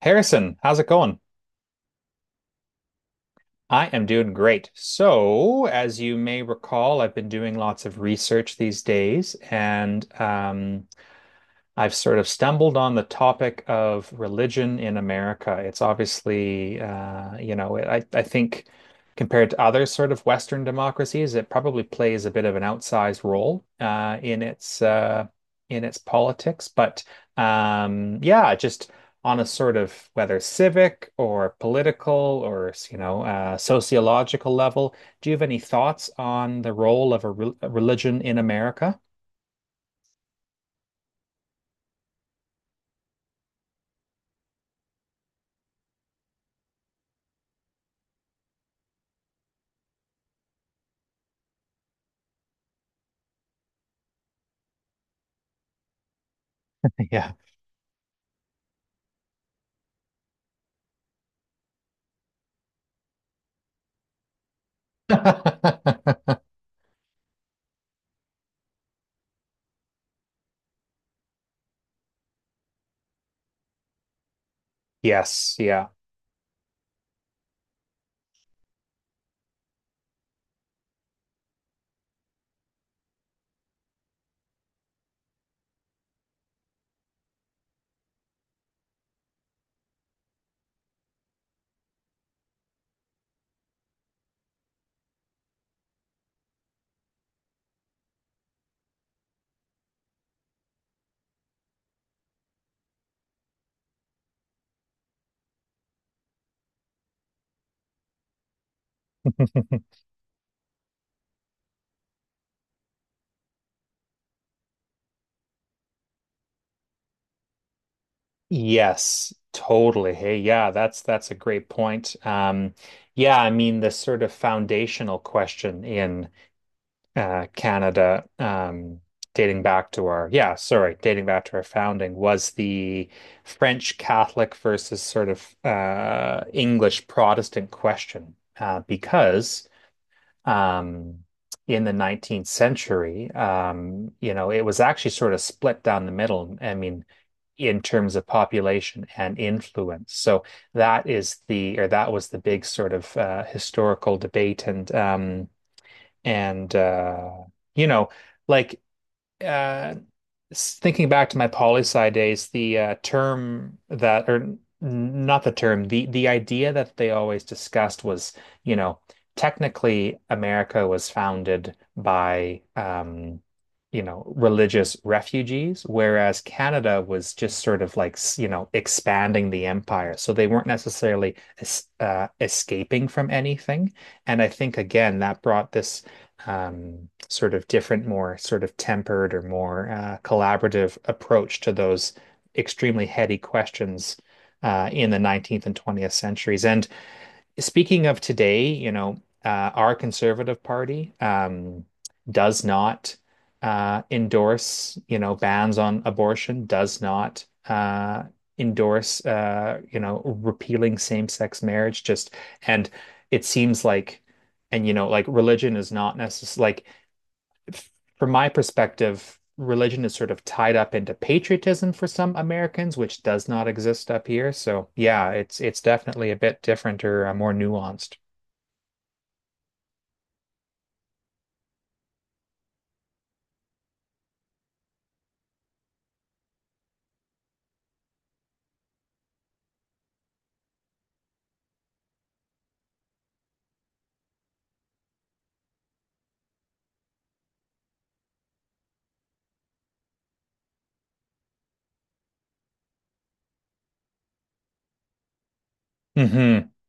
Harrison, how's it going? I am doing great. So, as you may recall, I've been doing lots of research these days, and I've sort of stumbled on the topic of religion in America. It's obviously, I think compared to other sort of Western democracies, it probably plays a bit of an outsized role in its politics. Just on a sort of whether civic or political or sociological level, do you have any thoughts on the role of a religion in America? Yeah. Yes, yeah. Yes, totally. Hey, yeah, that's a great point. Yeah, I mean the sort of foundational question in Canada, dating back to dating back to our founding was the French Catholic versus sort of English Protestant question, because um, in the 19th century, you know, it was actually sort of split down the middle. I mean, in terms of population and influence. So that is the, or that was the big sort of historical debate. And you know, like uh, s- Thinking back to my poli sci days, the term that, or n- not the term, the idea that they always discussed was, you know, technically America was founded by you know, religious refugees, whereas Canada was just sort of like, you know, expanding the empire. So they weren't necessarily es escaping from anything. And I think again that brought this sort of different, more sort of tempered or more collaborative approach to those extremely heady questions in the 19th and 20th centuries. And speaking of today, you know, our Conservative Party does not endorse, you know, bans on abortion, does not endorse, you know, repealing same-sex marriage. Just and It seems like, and you know, like religion is not necessary. Like from my perspective, religion is sort of tied up into patriotism for some Americans, which does not exist up here. So yeah, it's definitely a bit different or more nuanced. Hmm.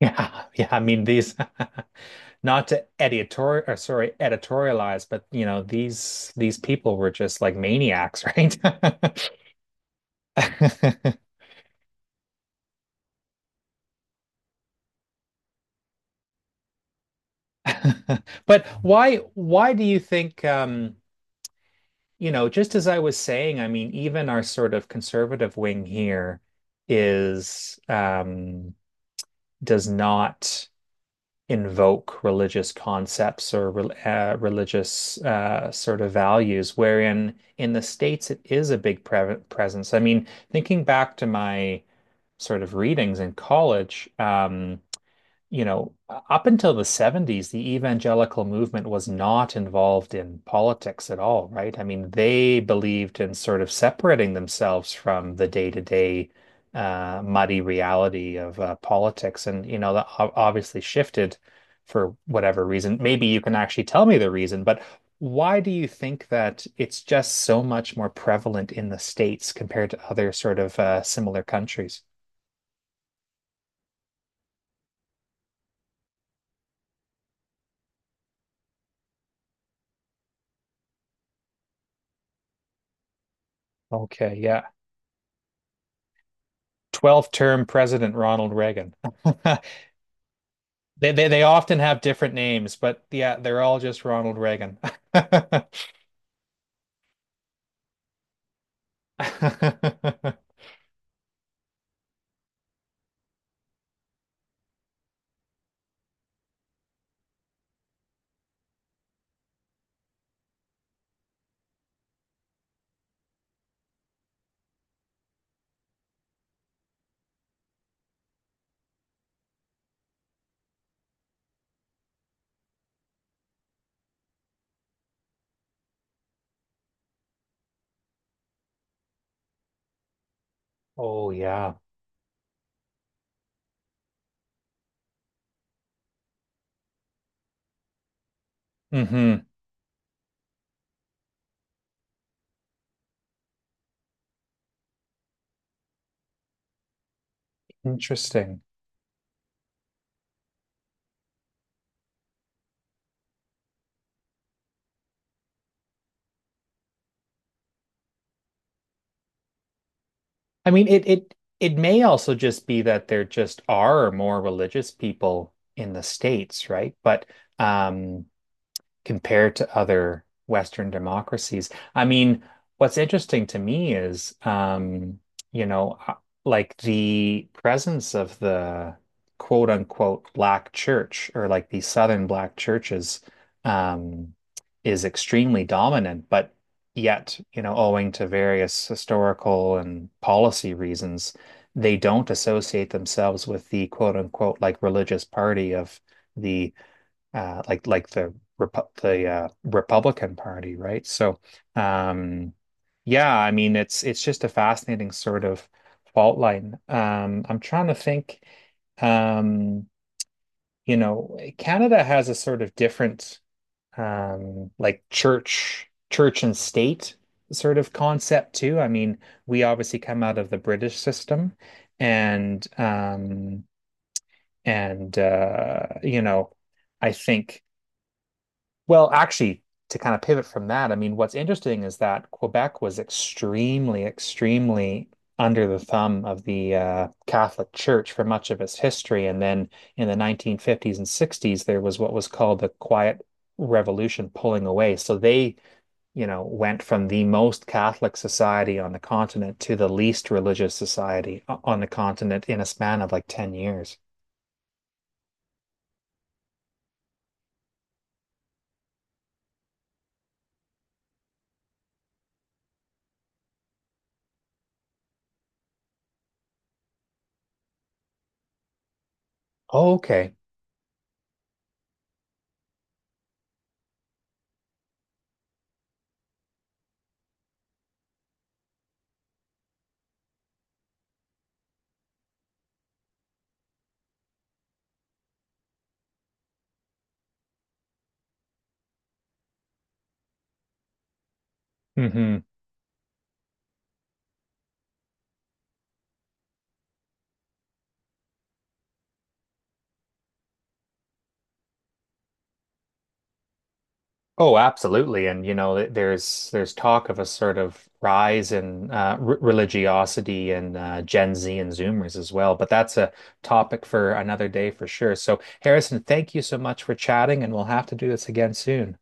Yeah, yeah. I mean these, not to editorialize, but you know these people were just like maniacs, right? But why do you think you know, just as I was saying, I mean, even our sort of conservative wing here is does not invoke religious concepts or religious sort of values, wherein in the States it is a big presence. I mean, thinking back to my sort of readings in college, you know, up until the 70s, the evangelical movement was not involved in politics at all, right? I mean, they believed in sort of separating themselves from the day-to-day muddy reality of politics. And, you know, that obviously shifted for whatever reason. Maybe you can actually tell me the reason, but why do you think that it's just so much more prevalent in the States compared to other sort of similar countries? Okay, yeah. 12th term President Ronald Reagan. they, they often have different names, but yeah, they're all just Ronald Reagan. Oh yeah. Hmm. Interesting. I mean, it may also just be that there just are more religious people in the States, right? But um compared to other Western democracies. I mean, what's interesting to me is, you know, uh, like the presence of the quote unquote black church or like the Southern black churches um, is extremely dominant, but yet, you know, owing to various historical and policy reasons, they don't associate themselves with the quote unquote like religious party of the Republican Party, right? So, um, yeah, I mean, it's just a fascinating sort of fault line. I'm trying to think. Um, you know, Canada has a sort of different, like church and state sort of concept too. I mean, we obviously come out of the British system, and um, and you know, I think. Actually, to kind of pivot from that, I mean, what's interesting is that Quebec was extremely, extremely under the thumb of the Catholic Church for much of its history. And then in the 1950s and 60s, there was what was called the Quiet Revolution pulling away. So they, you know, went from the most Catholic society on the continent to the least religious society on the continent in a span of like 10 years. Oh, okay. Hmm. Oh, absolutely. And you know, there's talk of a sort of rise in r religiosity and Gen Z and Zoomers as well. But that's a topic for another day for sure. So, Harrison, thank you so much for chatting, and we'll have to do this again soon.